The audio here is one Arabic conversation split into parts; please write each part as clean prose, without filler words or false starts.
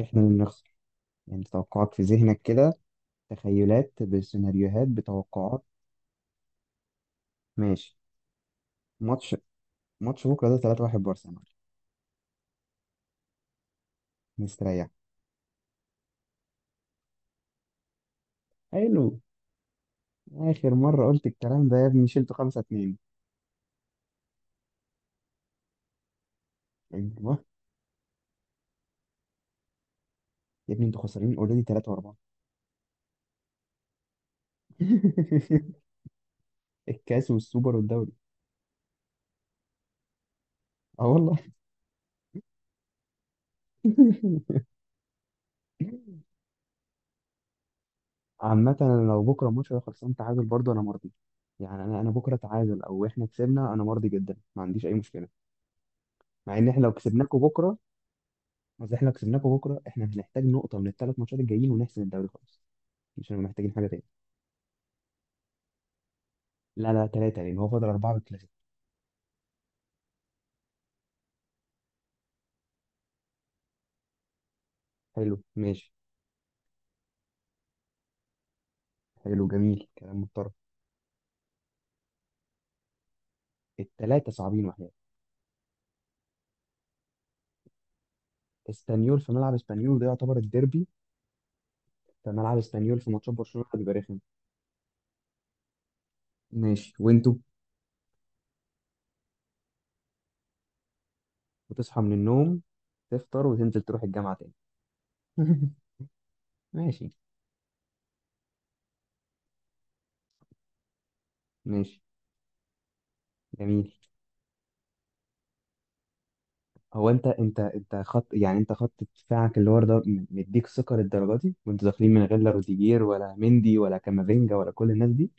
إحنا اللي بنخسر. يعني توقعات في ذهنك كده، تخيلات بسيناريوهات بتوقعات. ماشي. ماتش ماتش بكرة ده، 3-1 بارسنال مستريح. حلو. آخر مرة قلت الكلام ده يا ابني شلته 5-2. أيوه يا ابني، أنتوا خسرانين أوريدي 3 و4. الكاس والسوبر والدوري. أه والله. عامة أنا لو بكرة الماتش ده خلصان تعادل برضه أنا مرضي. يعني أنا بكرة تعادل أو إحنا كسبنا، أنا مرضي جدا، ما عنديش أي مشكلة. مع إن إحنا لو كسبناكوا بكرة، اصل احنا لو كسبناكم بكره احنا هنحتاج نقطه من ال3 ماتشات الجايين ونحسم الدوري خالص، مش هنبقى محتاجين حاجه تاني. لا لا، 3 لان هو فاضل 4 بالكلاسيكو. حلو، ماشي. حلو، جميل، كلام محترم. ال3 صعبين وحياة. اسبانيول في ملعب اسبانيول وده يعتبر الديربي، في ملعب اسبانيول في ماتشات برشلونه بيبقى رخم. ماشي، وانتوا بتصحى من النوم، تفطر وتنزل تروح الجامعه تاني. ماشي، ماشي. جميل. هو انت خط، يعني انت خط دفاعك اللي ورا ده م- مديك ثقه للدرجه دي وانتوا داخلين من غير لا روديجير ولا مندي ولا كامافينجا ولا كل الناس دي.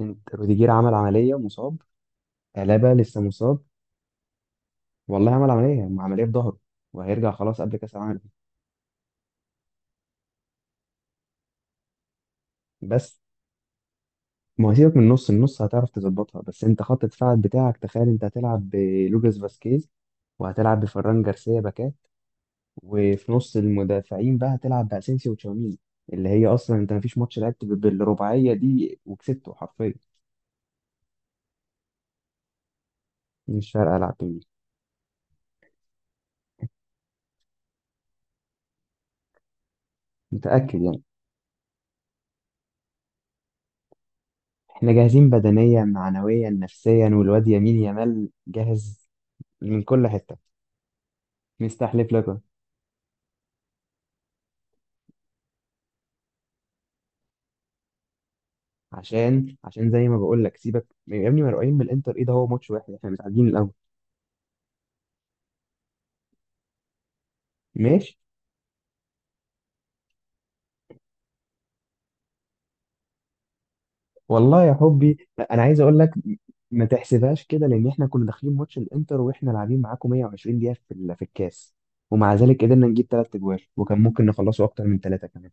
انت روديجير عمل عمليه ومصاب، الابا لسه مصاب، والله عمل عمليه، عمليه في ظهره وهيرجع خلاص قبل كاس العالم. بس ما هو سيبك من النص، النص هتعرف تظبطها، بس انت خط دفاعك بتاعك تخيل، انت هتلعب بلوكاس فاسكيز وهتلعب بفران جارسيا باكات، وفي نص المدافعين بقى هتلعب باسينسيو وتشاوميني، اللي هي اصلا انت مفيش ماتش لعبت ب- بالرباعيه دي وكسبته حرفيا. مش فارقه العب بمين. متاكد يعني؟ احنا جاهزين بدنيا معنويا نفسيا، والواد يمين يامال جاهز من كل حته. مستحلف لك بقى. عشان زي ما بقول لك سيبك يا ابني، مرعوبين من الانتر، ايه ده؟ هو ماتش واحد احنا متعادلين الاول. ماشي. والله يا حبي انا عايز اقول لك، ما تحسبهاش كده لان احنا كنا داخلين ماتش الانتر واحنا لاعبين معاكم 120 دقيقه في ال- في الكاس، ومع ذلك قدرنا نجيب 3 اجوال وكان ممكن نخلصه اكتر من 3 كمان.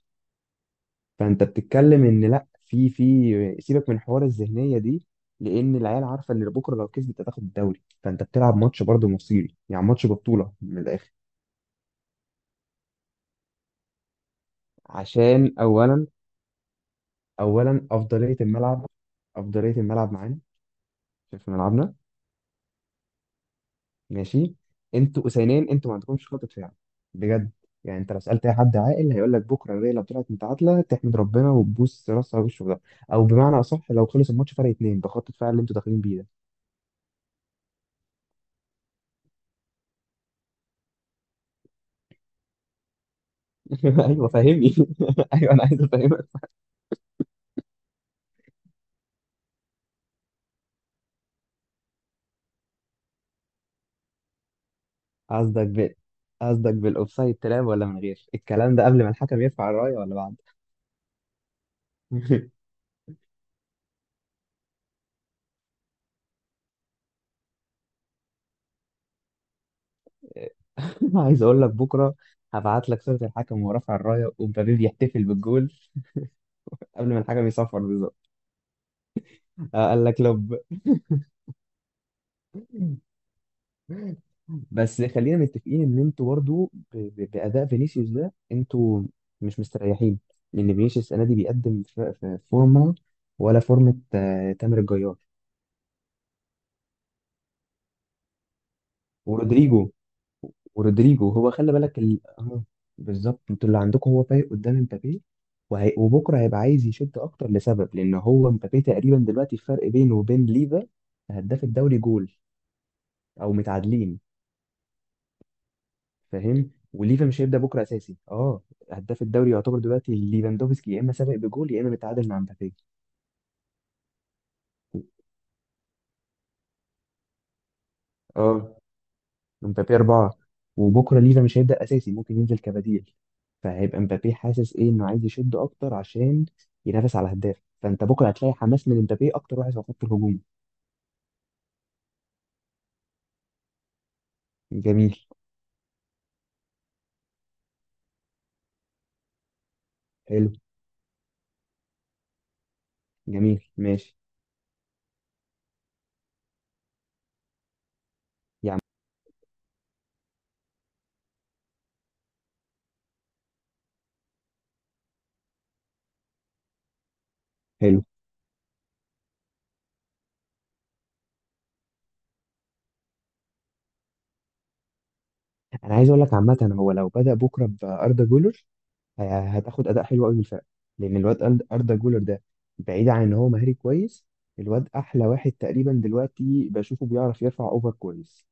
فانت بتتكلم ان لا، في سيبك من حوار الذهنيه دي، لان العيال عارفه ان بكره لو كسبت هتاخد الدوري، فانت بتلعب ماتش برضه مصيري، يعني ماتش بطوله من الاخر. عشان اولا افضليه الملعب، افضليه الملعب معانا، في ملعبنا. ماشي. انتوا اسنان، انتوا ما عندكمش خطة فعل، بجد. يعني انت لو سألت اي حد عاقل هيقول لك بكره الريال لو طلعت متعادله تحمد ربنا وتبوس راسها وشه في ده. او بمعنى اصح، لو خلص الماتش فرق 2 بخطة فعل اللي انتوا داخلين بيه ده. ايوه فهمني. ايوه انا عايز افهمك. قصدك بال قصدك بالاوفسايد تلعب، ولا من غير الكلام ده؟ قبل ما الحكم يرفع الرايه، ولا بعد؟ عايز اقول لك بكره هبعت لك صورة الحكم وهو رافع الرايه ومبابي بيحتفل بالجول قبل ما الحكم يصفر بالظبط. قال لك لب. بس خلينا متفقين ان انتوا برضو ب- ب- باداء فينيسيوس ده انتوا مش مستريحين، لان فينيسيوس السنه دي بيقدم ف- ف- فورمه، ولا فورمه، تامر الجيار. ورودريجو، ورودريجو هو خلي بالك ال... آه، بالظبط. انتوا اللي عندكم هو فايق قدام امبابي، وبكره هيبقى عايز يشد اكتر لسبب، لان هو امبابي تقريبا دلوقتي الفرق بينه وبين ليفا هداف الدوري جول، او متعادلين. فاهم؟ وليفا مش هيبدا بكره اساسي. اه، هداف الدوري يعتبر دلوقتي ليفاندوفسكي، يا اما سابق بجول يا اما متعادل مع مبابي. اه، مبابي 4. وبكره ليفا مش هيبدا اساسي، ممكن ينزل كبديل. فهيبقى مبابي حاسس ايه؟ انه عايز يشد اكتر عشان ينافس على هداف، فانت بكره هتلاقي حماس من مبابي اكتر واحد في خط الهجوم. جميل. حلو. جميل، ماشي. يا عم. حلو. انا عايز اقول لك عامه هو لو بدا بكره باردا جولر، ه- هتاخد اداء حلو قوي من الفرق، لان الواد اردا جولر ده، بعيد عن ان هو مهاري كويس، الواد احلى واحد تقريبا دلوقتي بشوفه بيعرف يرفع اوفر كويس.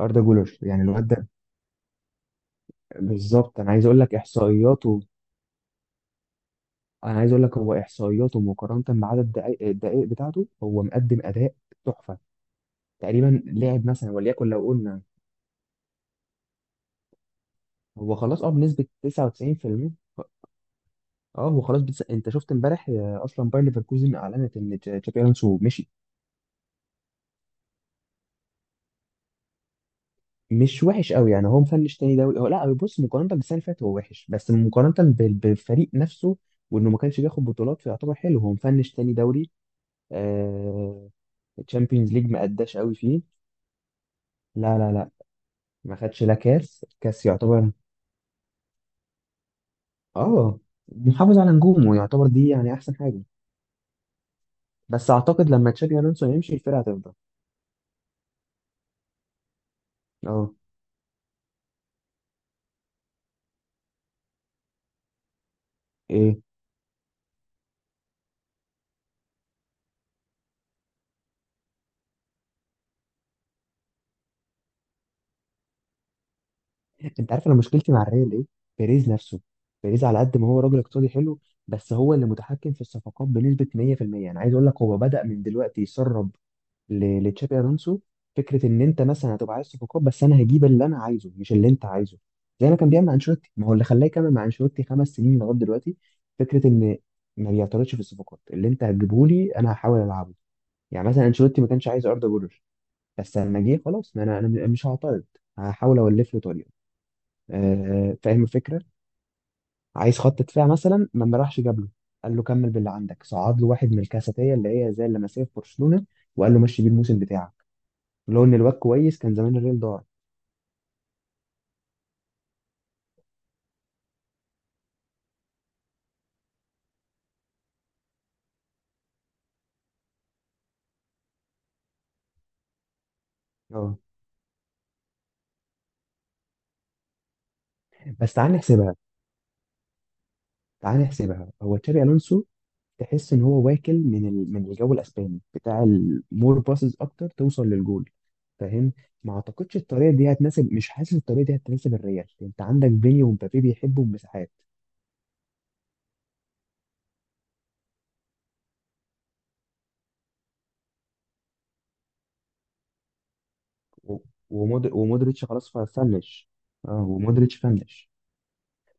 اردا جولر، يعني الواد ده بالظبط انا عايز اقول لك احصائياته. انا عايز اقول لك هو احصائياته مقارنه بعدد الدقائق، الدقائق بتاعته هو مقدم اداء تحفه، تقريبا لعب مثلا، وليكن لو قلنا هو خلاص اه بنسبه 99%. اه، هو خلاص انت شفت امبارح اصلا باير ليفركوزن اعلنت ان تشابي الونسو مشي. مش وحش قوي يعني، هو مفنش تاني دوري، هو لا، هو بص، مقارنة بالسنة اللي فاتت هو وحش، بس مقارنة بال- بالفريق نفسه وانه ما كانش بياخد بطولات فيعتبر حلو، هو مفنش تاني دوري، آه... تشامبيونز ليج ما اداش قوي فيه. لا لا لا، ما خدش لا كاس، الكاس يعتبر. اه، محافظ على نجومه يعتبر دي، يعني احسن حاجة. بس اعتقد لما تشابي الونسو يمشي الفرقة هتفضل. اه. إيه؟ انت عارف انا مشكلتي مع الريال ايه؟ بيريز نفسه. بيريز، على قد ما هو راجل اقتصادي حلو، بس هو اللي متحكم في الصفقات بنسبة 100%، يعني عايز اقول لك هو بدأ من دلوقتي يسرب ل- لتشابي الونسو فكرة ان انت مثلا هتبقى عايز صفقات، بس انا هجيب اللي انا عايزه مش اللي انت عايزه. زي ما كان بيعمل مع انشيلوتي، ما هو اللي خلاه يكمل مع انشيلوتي 5 سنين لغاية دلوقتي. فكرة ان ما بيعترضش في الصفقات، اللي انت هتجيبه لي انا هحاول العبه. يعني مثلا انشيلوتي ما كانش عايز اردا جولر، بس لما جه خلاص، ما انا مش هعترض، هحاول اولف له طريقه. فاهم الفكره. عايز خط دفاع مثلا، ما راحش جاب له، قال له كمل باللي عندك، صعد له واحد من الكاساتيه اللي هي زي اللمسيه في برشلونه وقال له مشي بيه الموسم بتاعك، لو ان الواد كويس كان زمان الريال دار. اه. بس تعال نحسبها، تعال نحسبها. هو تشابي الونسو تحس ان هو واكل من من الجو الاسباني بتاع المور باسز اكتر، توصل للجول. فاهم؟ ما اعتقدش الطريقه دي هتناسب، مش حاسس الطريقه دي هتناسب الريال. انت عندك بيني ومبابي بيحبوا المساحات. و- ومودريتش خلاص فنش. اه، ومودريتش فنش.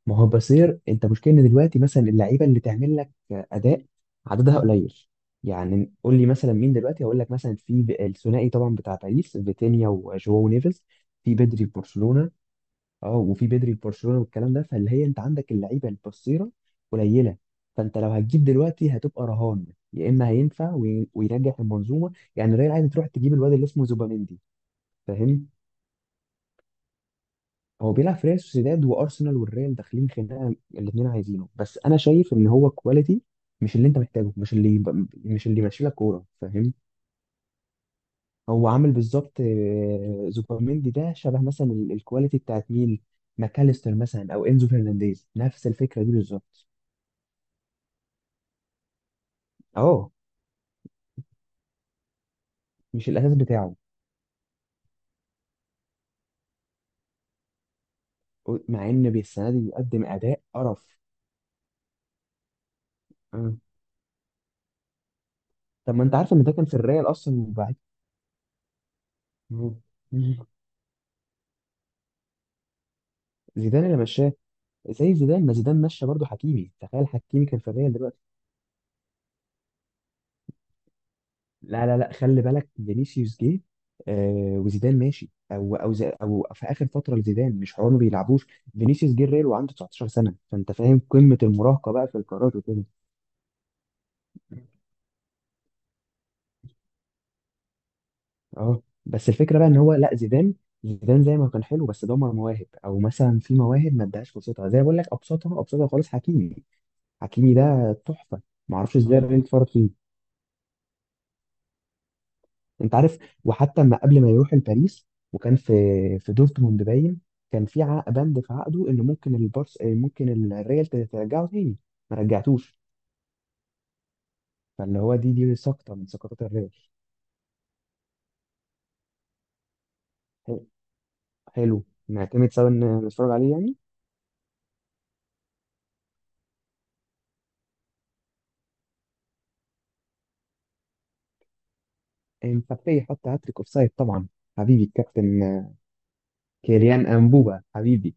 ما هو بصير. انت مشكلة ان دلوقتي مثلا اللعيبة اللي تعمل لك اداء عددها قليل. يعني قول لي مثلا مين دلوقتي، هقول لك مثلا في ب- الثنائي طبعا بتاع باريس، فيتينيا وجواو نيفيز. في بدري في برشلونة. اه، وفي بدري في برشلونة والكلام ده. فاللي هي انت عندك اللعيبة البصيرة قليلة. فانت لو هتجيب دلوقتي هتبقى رهان، يا اما هينفع وي- وينجح المنظومة. يعني الريال عايز تروح تجيب الواد اللي اسمه زوباميندي، فاهم؟ هو بيلعب في ريال سوسيداد، وارسنال والريال داخلين خناقه الاثنين عايزينه، بس انا شايف ان هو كواليتي مش اللي انت محتاجه، مش اللي يبقى- مش اللي يمشي لك كوره، فاهم؟ هو عامل بالظبط زوبيميندي ده شبه مثلا ال- الكواليتي بتاعت مين، ماكاليستر مثلا او انزو فرنانديز، نفس الفكره دي بالظبط. اه، مش الاساس بتاعه. مع ان السنه دي بيقدم اداء قرف. آه. طب ما انت عارف ان ده كان في الريال اصلا وبعد. مم. زيدان اللي مشاه. زي زيدان، ما زيدان مشى برضه حكيمي، تخيل حكيمي كان في الريال دلوقتي. لا لا لا، خلي بالك فينيسيوس جه وزيدان ماشي، او او زي او في اخر فتره لزيدان مش حوار ما بيلعبوش. فينيسيوس جه الريال وعنده 19 سنه، فانت فاهم قمه المراهقه بقى في القرارات وكده. اه، بس الفكره بقى ان هو لا، زيدان، زيدان زي ما كان حلو بس دمر مواهب، او مثلا في مواهب ما ادهاش فرصتها، زي ما بقول لك ابسطها، ابسطها خالص حكيمي. حكيمي ده تحفه. ما اعرفش ازاي الريال اتفرج. انت عارف، وحتى ما قبل ما يروح لباريس وكان في في دورتموند باين، كان في عق- بند في عقده ان ممكن البارس ممكن الريال ت- ترجعه تاني، ما رجعتوش. فاللي هو دي سقطه من سقطات الريال. حلو. حلو. نعتمد سوا ان نتفرج عليه يعني. مبابي حط هاتريك اوف سايد طبعا. حبيبي الكابتن كيليان امبوبا حبيبي.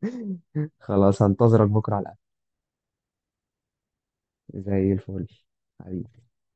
خلاص هنتظرك بكره على القهوه زي الفل، حبيبي.